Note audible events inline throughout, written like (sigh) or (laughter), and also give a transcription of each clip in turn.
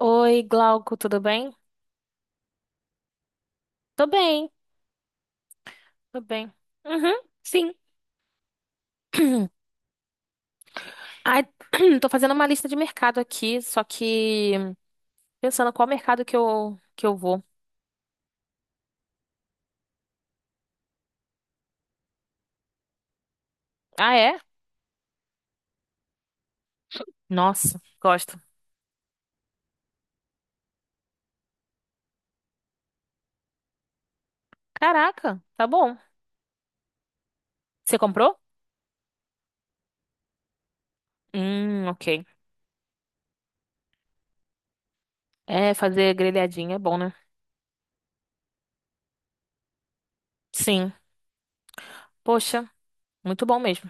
Oi, Glauco, tudo bem? Tô bem, tô bem. Uhum, sim. (clears throat) Ai, (clears throat) tô fazendo uma lista de mercado aqui, só que pensando qual mercado que eu vou. Ah, é? Nossa, gosto. Caraca, tá bom. Você comprou? Ok. É, fazer grelhadinha é bom, né? Sim. Poxa, muito bom mesmo.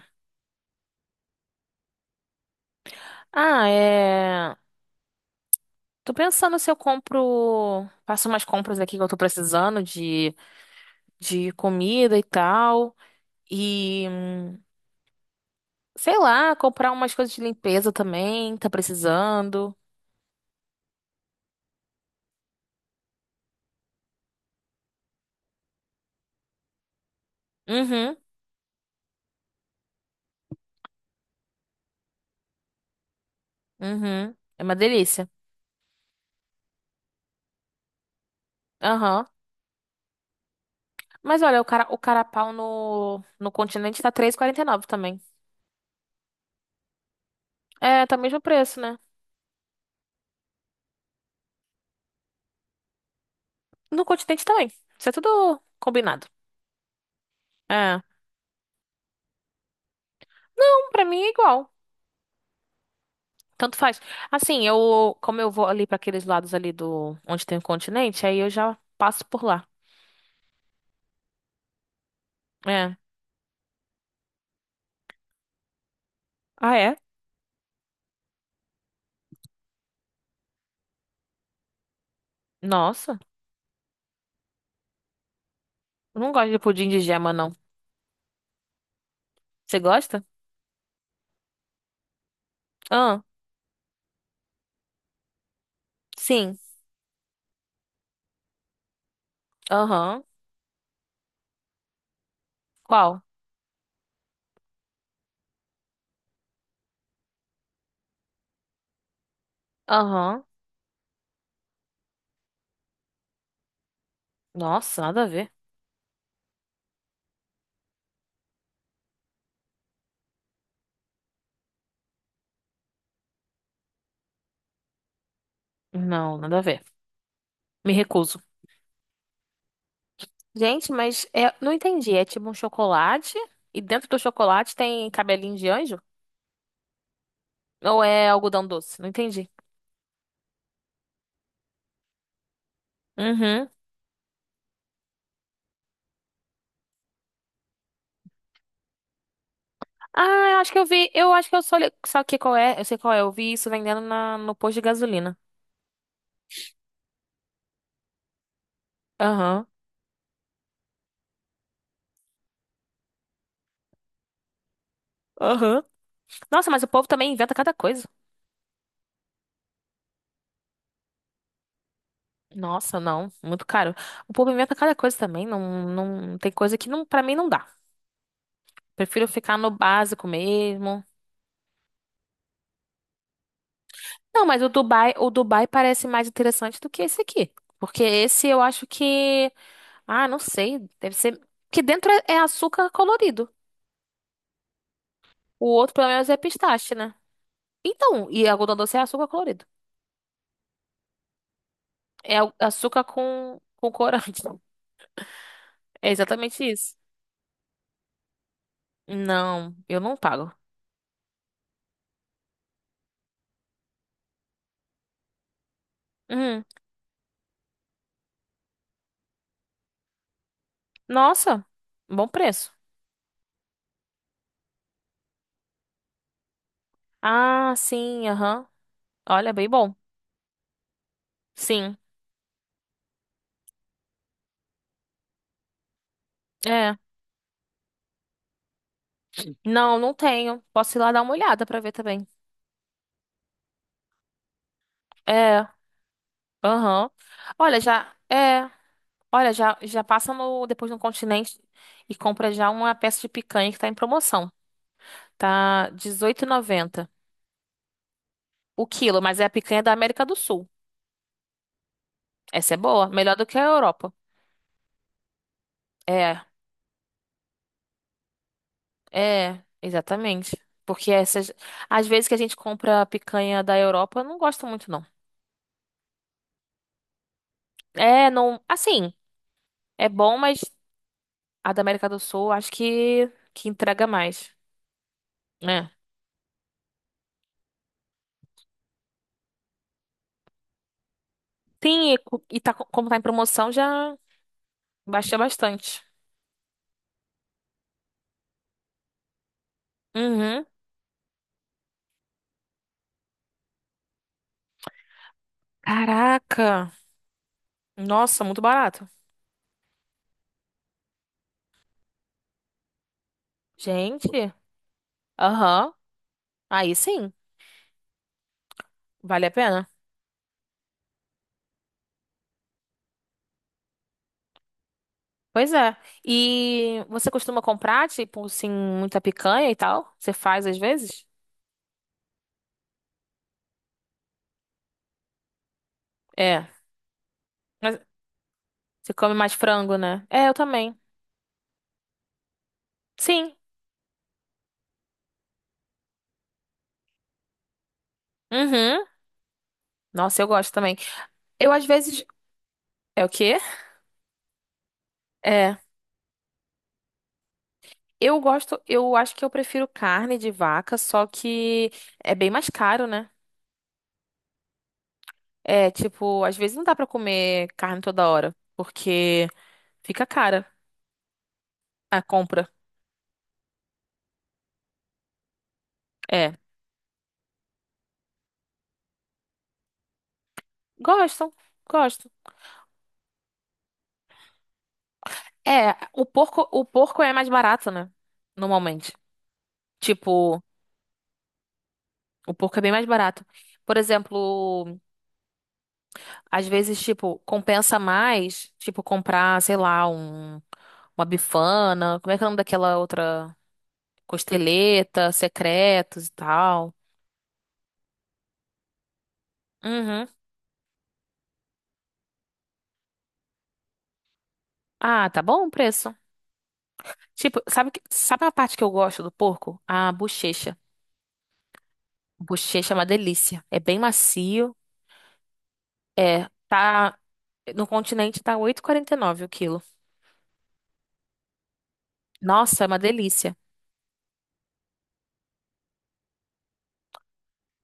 Ah, é. Tô pensando se eu compro. Faço umas compras aqui que eu tô precisando de comida e tal. E, sei lá, comprar umas coisas de limpeza também, tá precisando. Uhum, uhum. É uma delícia. Aham. Mas olha, o carapau no continente tá 3,49 também. É, tá o mesmo preço, né? No continente também. Isso é tudo combinado. É. Não, pra mim é igual. Tanto faz. Assim, eu, como eu vou ali pra aqueles lados ali do, onde tem o continente, aí eu já passo por lá. É. Ah, é? Nossa, eu não gosto de pudim de gema, não. Você gosta? Ah, sim. Aham. Qual? Aham. Nossa, nada a ver. Não, nada a ver. Me recuso. Gente, mas é, não entendi. É tipo um chocolate e dentro do chocolate tem cabelinho de anjo? Ou é algodão doce? Não entendi. Uhum. Ah, eu acho que eu vi. Eu acho que eu só li. Sabe que qual é? Eu sei qual é. Eu vi isso vendendo no posto de gasolina. Aham. Aham. Nossa, mas o povo também inventa cada coisa. Nossa, não. Muito caro. O povo inventa cada coisa também. Não, não tem coisa que não, para mim não dá. Prefiro ficar no básico mesmo. Não, mas o Dubai parece mais interessante do que esse aqui. Porque esse eu acho que. Ah, não sei. Deve ser. Que dentro é açúcar colorido. O outro, pelo menos, é pistache, né? Então, e algodão doce é açúcar colorido. É açúcar com corante. (laughs) É exatamente isso. Não, eu não pago. Hum, nossa, bom preço. Ah, sim, aham. Olha, bem bom. Sim, é. Não, não tenho. Posso ir lá dar uma olhada pra ver também. É. Aham. Olha, já já passa no depois no Continente e compra já uma peça de picanha que tá em promoção. Tá dezoito e noventa o quilo, mas é a picanha da América do Sul. Essa é boa, melhor do que a Europa. É, é, exatamente. Porque essas às vezes que a gente compra a picanha da Europa, eu não gosto muito não. É, não, assim, é bom, mas a da América do Sul acho que entrega mais, né? Sim, e como tá em promoção, já. Baixei bastante. Uhum. Caraca. Nossa, muito barato. Gente. Aham. Aí sim, vale a pena. Pois é. E você costuma comprar, tipo, assim, muita picanha e tal? Você faz às vezes? É. Mas você come mais frango, né? É, eu também. Sim. Uhum. Nossa, eu gosto também. Eu às vezes. É o quê? É. Eu gosto, eu acho que eu prefiro carne de vaca, só que é bem mais caro, né? É, tipo, às vezes não dá pra comer carne toda hora, porque fica cara a compra. É, gostam, gostam. É, o porco é mais barato, né? Normalmente. Tipo, o porco é bem mais barato. Por exemplo, às vezes, tipo, compensa mais, tipo, comprar, sei lá, uma bifana, como é que é o nome daquela outra? Costeleta, secretos e tal. Uhum. Ah, tá bom o preço. Tipo, sabe, sabe a parte que eu gosto do porco? A bochecha. Bochecha é uma delícia. É bem macio. É, tá. No continente tá 8,49 o quilo. Nossa, é uma delícia.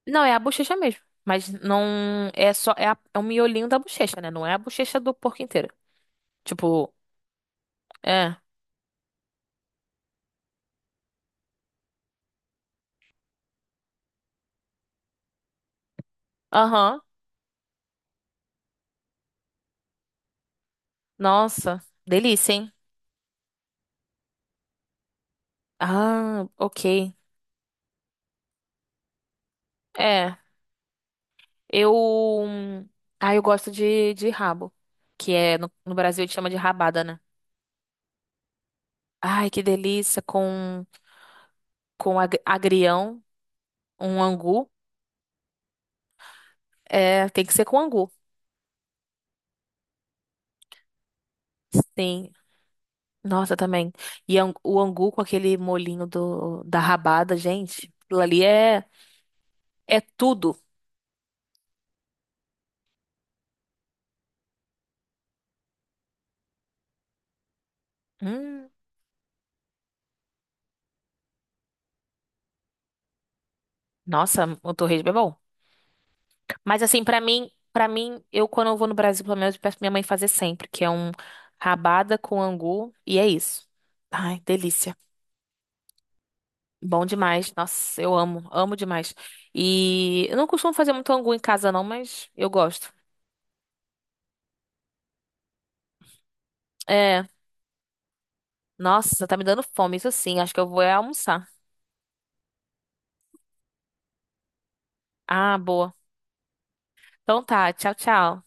Não, é a bochecha mesmo. Mas não. É só. É, é o miolinho da bochecha, né? Não é a bochecha do porco inteiro. Tipo, é. Aham. Nossa. Delícia, hein? Ah, ok. É. Eu. Ah, eu gosto de rabo. Que é. No Brasil a gente chama de rabada, né? Ai, que delícia com agrião, um angu. É, tem que ser com angu. Sim. Nossa, também. E o angu com aquele molhinho da rabada, gente. Aquilo ali é tudo. Hum, nossa, o torresmo é bom. Mas assim, para mim, eu quando eu vou no Brasil, pelo menos eu peço pra minha mãe fazer sempre, que é um rabada com angu e é isso. Ai, delícia. Bom demais. Nossa, eu amo, amo demais. E eu não costumo fazer muito angu em casa, não, mas eu gosto. É, nossa, tá me dando fome, isso sim. Acho que eu vou é almoçar. Ah, boa. Então tá, tchau, tchau.